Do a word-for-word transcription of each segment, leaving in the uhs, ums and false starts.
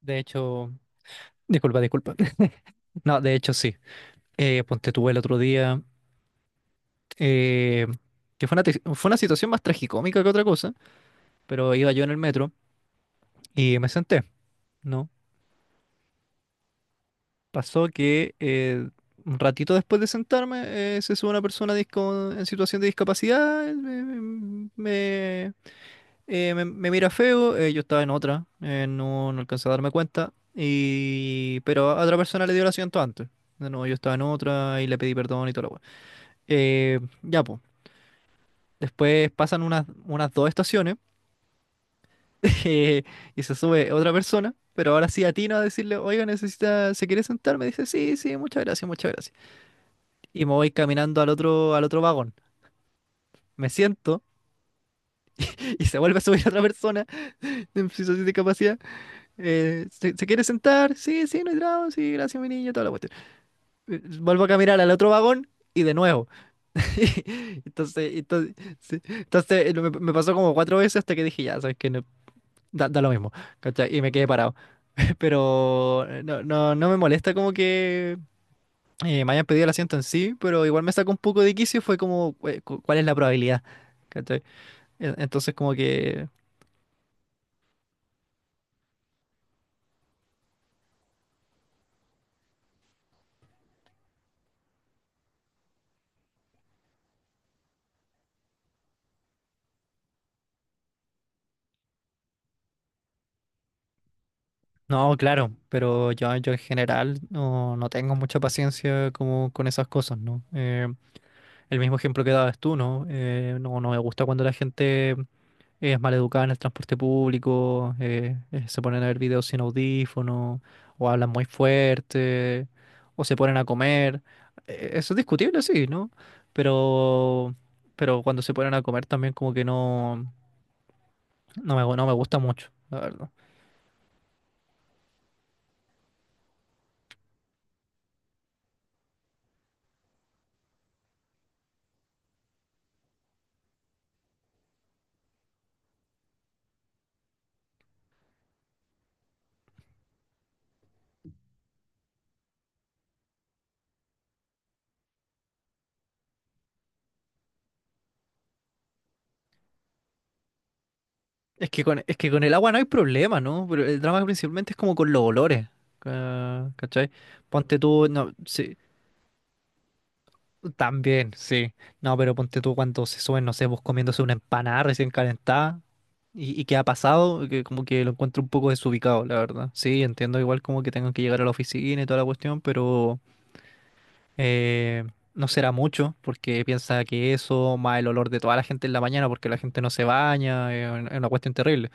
De hecho, disculpa, disculpa. No, de hecho sí. Eh, ponte tú el otro día, eh, que fue una, te- fue una situación más tragicómica que otra cosa, pero iba yo en el metro y me senté, ¿no? Pasó que eh, un ratito después de sentarme, eh, se sube una persona dis- con- en situación de discapacidad, eh, me, me- eh, me- me mira feo. eh, yo estaba en otra, eh, no, no alcancé a darme cuenta, y, pero a otra persona le dio el asiento antes. No, yo estaba en otra y le pedí perdón y todo. Eh, ya, pues. Después pasan unas, unas dos estaciones. eh, y se sube otra persona, pero ahora sí atino a decirle: oiga, necesita, ¿se quiere sentar? Me dice: sí, sí, muchas gracias, muchas gracias. Y me voy caminando al otro, al otro vagón. Me siento y se vuelve a subir otra persona en situación de discapacidad. Eh, ¿se, se quiere sentar? Sí, sí, no hay drama, sí, gracias, mi niño, toda la cuestión. Eh, Vuelvo a caminar al otro vagón. Y de nuevo. Entonces, entonces, sí, entonces eh, me, me pasó como cuatro veces hasta que dije: ya, ¿sabes qué? No, da, da lo mismo, ¿cachai? Y me quedé parado. Pero eh, no, no, no me molesta como que eh, me hayan pedido el asiento en sí, pero igual me sacó un poco de quicio. Fue como, eh, cu- ¿cuál es la probabilidad? ¿Cachai? En- Entonces como que... no, claro, pero yo, yo en general no, no tengo mucha paciencia como con esas cosas, ¿no? Eh, el mismo ejemplo que dabas tú, ¿no? Eh, no, no me gusta cuando la gente es maleducada en el transporte público, eh, eh, se ponen a ver videos sin audífono, o hablan muy fuerte, o se ponen a comer. Eh, Eso es discutible, sí, ¿no? Pero, pero cuando se ponen a comer también como que no, no me, no me gusta mucho, la verdad. Es que con, es que con el agua no hay problema, ¿no? Pero el drama principalmente es como con los olores, ca- ¿cachai? Ponte tú, no, sí, también, sí. No, pero ponte tú cuando se suben, no sé, vos comiéndose una empanada recién calentada. Y, y que ha pasado, que como que lo encuentro un poco desubicado, la verdad. Sí, entiendo igual como que tengan que llegar a la oficina y toda la cuestión, pero eh, no será mucho, porque piensa que eso, más el olor de toda la gente en la mañana, porque la gente no se baña, eh, es una cuestión terrible.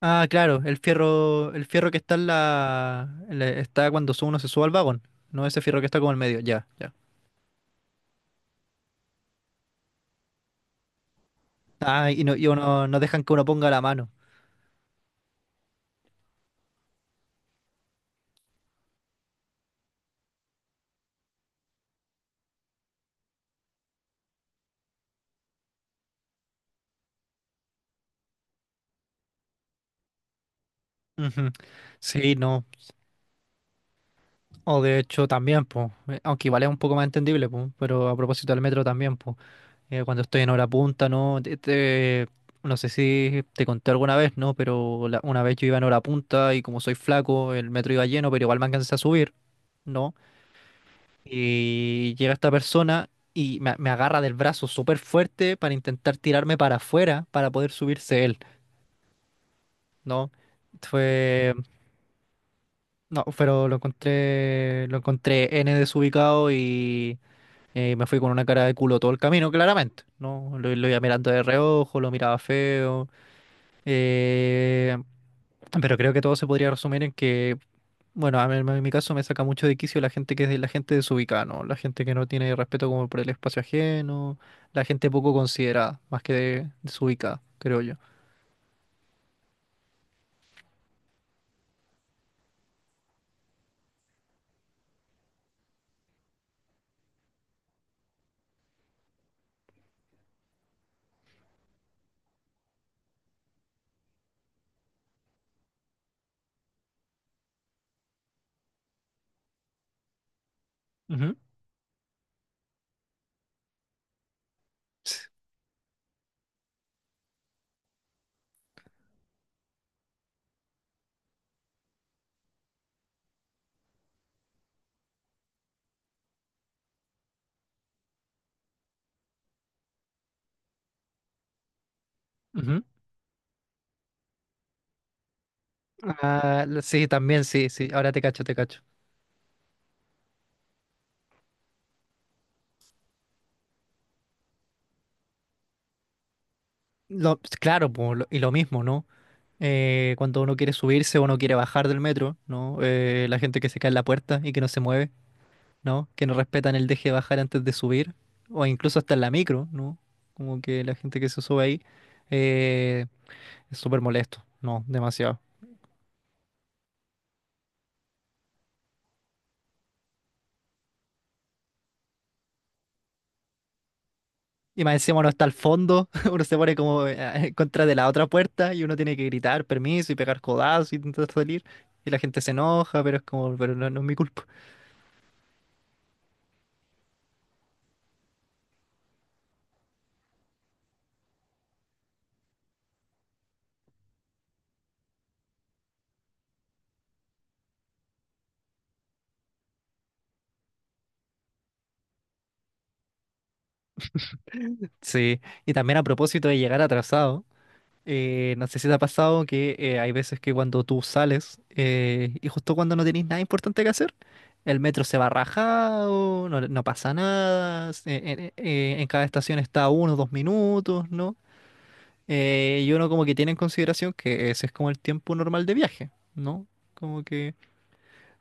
Ah, claro, el fierro, el fierro que está en la, en la- está cuando uno se sube al vagón, no ese fierro que está como en medio, ya, ya. Ah, y no, y uno, no dejan que uno ponga la mano. Ujú. Sí, no. O de hecho también, pues, aunque igual es un poco más entendible, pues, pero a propósito del metro también, pues, eh, cuando estoy en hora punta, ¿no? Te- te- no sé si te conté alguna vez, ¿no? Pero la- una vez yo iba en hora punta y como soy flaco, el metro iba lleno, pero igual me alcancé a subir, ¿no? Y llega esta persona y me, me agarra del brazo súper fuerte para intentar tirarme para afuera para poder subirse él, ¿no? Fue... No, pero lo encontré, lo encontré N desubicado. Eh, me fui con una cara de culo todo el camino, claramente. No, lo, lo iba mirando de reojo, lo miraba feo. eh, pero creo que todo se podría resumir en que, bueno, a mí- en mi caso me saca mucho de quicio la gente que es de la gente desubicada, ¿no? La gente que no tiene respeto como por el espacio ajeno, la gente poco considerada, más que de- desubicada, creo yo. Ujú. Sí. Ujú. Ah, sí, también sí, sí. Ahora te cacho, te cacho. Lo- claro, po, lo- y lo mismo, ¿no? eh, cuando uno quiere subirse o uno quiere bajar del metro, ¿no? Eh, la gente que se cae en la puerta y que no se mueve, ¿no? Que no respetan el deje de bajar antes de subir, o incluso hasta en la micro, ¿no? Como que la gente que se sube ahí eh, es súper molesto, ¿no? Demasiado. Y más encima uno está al fondo, uno se pone como eh, en contra de la otra puerta y uno tiene que gritar permiso y pegar codazos y intentar salir. Y la gente se enoja, pero es como, pero no, no es mi culpa. Sí. Y también a propósito de llegar atrasado. Eh, no sé si te ha pasado que eh, hay veces que cuando tú sales eh, y justo cuando no tenéis nada importante que hacer, el metro se va rajado, no, no pasa nada, s- eh, eh, eh, en cada estación está uno, dos minutos, ¿no? Eh, y uno como que tiene en consideración que ese es como el tiempo normal de viaje, ¿no? Como que...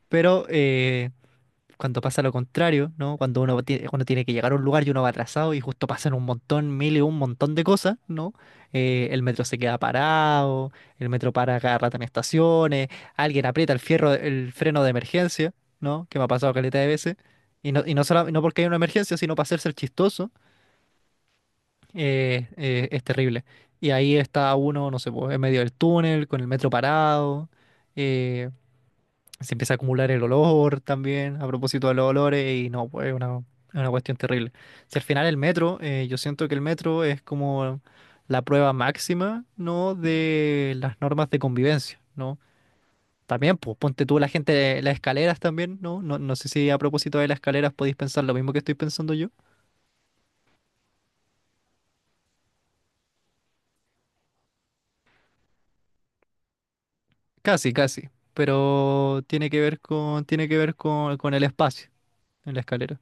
Pero eh, cuando pasa lo contrario, ¿no? Cuando uno tiene, uno tiene que llegar a un lugar y uno va atrasado y justo pasan un montón, mil y un montón de cosas, ¿no? Eh, el metro se queda parado, el metro para cada rato en estaciones, alguien aprieta el fierro, el freno de emergencia, ¿no? Que me ha pasado caleta de veces. Y no, y no solo, no porque hay una emergencia, sino para hacerse el chistoso, eh, eh, es terrible. Y ahí está uno, no sé, pues, en medio del túnel, con el metro parado. eh, se empieza a acumular el olor también, a propósito de los olores, y no, pues es una, es una cuestión terrible. Si al final el metro, eh, yo siento que el metro es como la prueba máxima, ¿no? De las normas de convivencia, ¿no? También, pues ponte tú la gente, las escaleras también, ¿no? No, no sé si a propósito de las escaleras podéis pensar lo mismo que estoy pensando yo. Casi, casi, pero tiene que ver con, tiene que ver con, con el espacio en la escalera.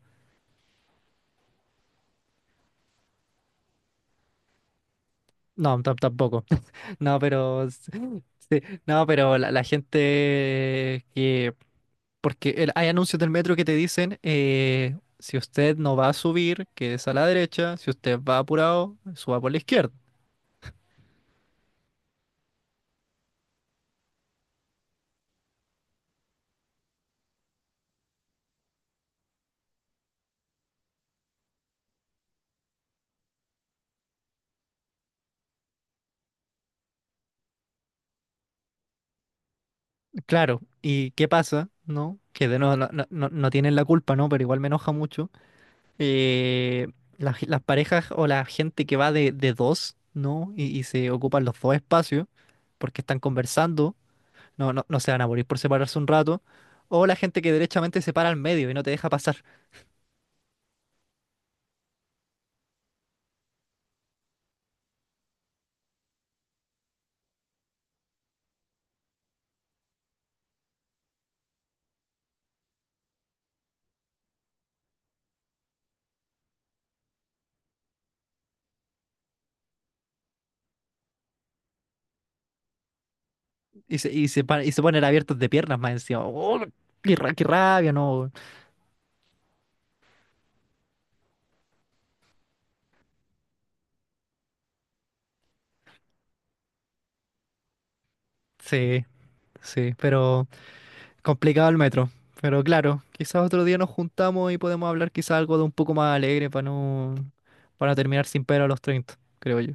No, tam- tampoco. No, pero sí, no, pero la, la gente que, porque el- hay anuncios del metro que te dicen eh, si usted no va a subir, que es a la derecha, si usted va apurado, suba por la izquierda. Claro, ¿y qué pasa? ¿No? Que de nuevo no, no- no- no tienen la culpa, ¿no? Pero igual me enoja mucho. Eh, las, las, parejas o la gente que va de, de dos, ¿no? Y, y se ocupan los dos espacios porque están conversando. No, no, no se van a morir por separarse un rato. O la gente que derechamente se para al medio y no te deja pasar. Y se, y se, pa- y se ponen abiertos de piernas más encima. ¡Oh! qué, ra- qué rabia, no! Sí, sí, pero complicado el metro. Pero claro, quizás otro día nos juntamos y podemos hablar quizás algo de un poco más alegre para no, para no, terminar sin pelo a los treinta, creo yo.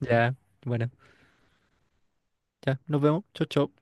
Ya, bueno, ya, nos vemos. Chau, chau.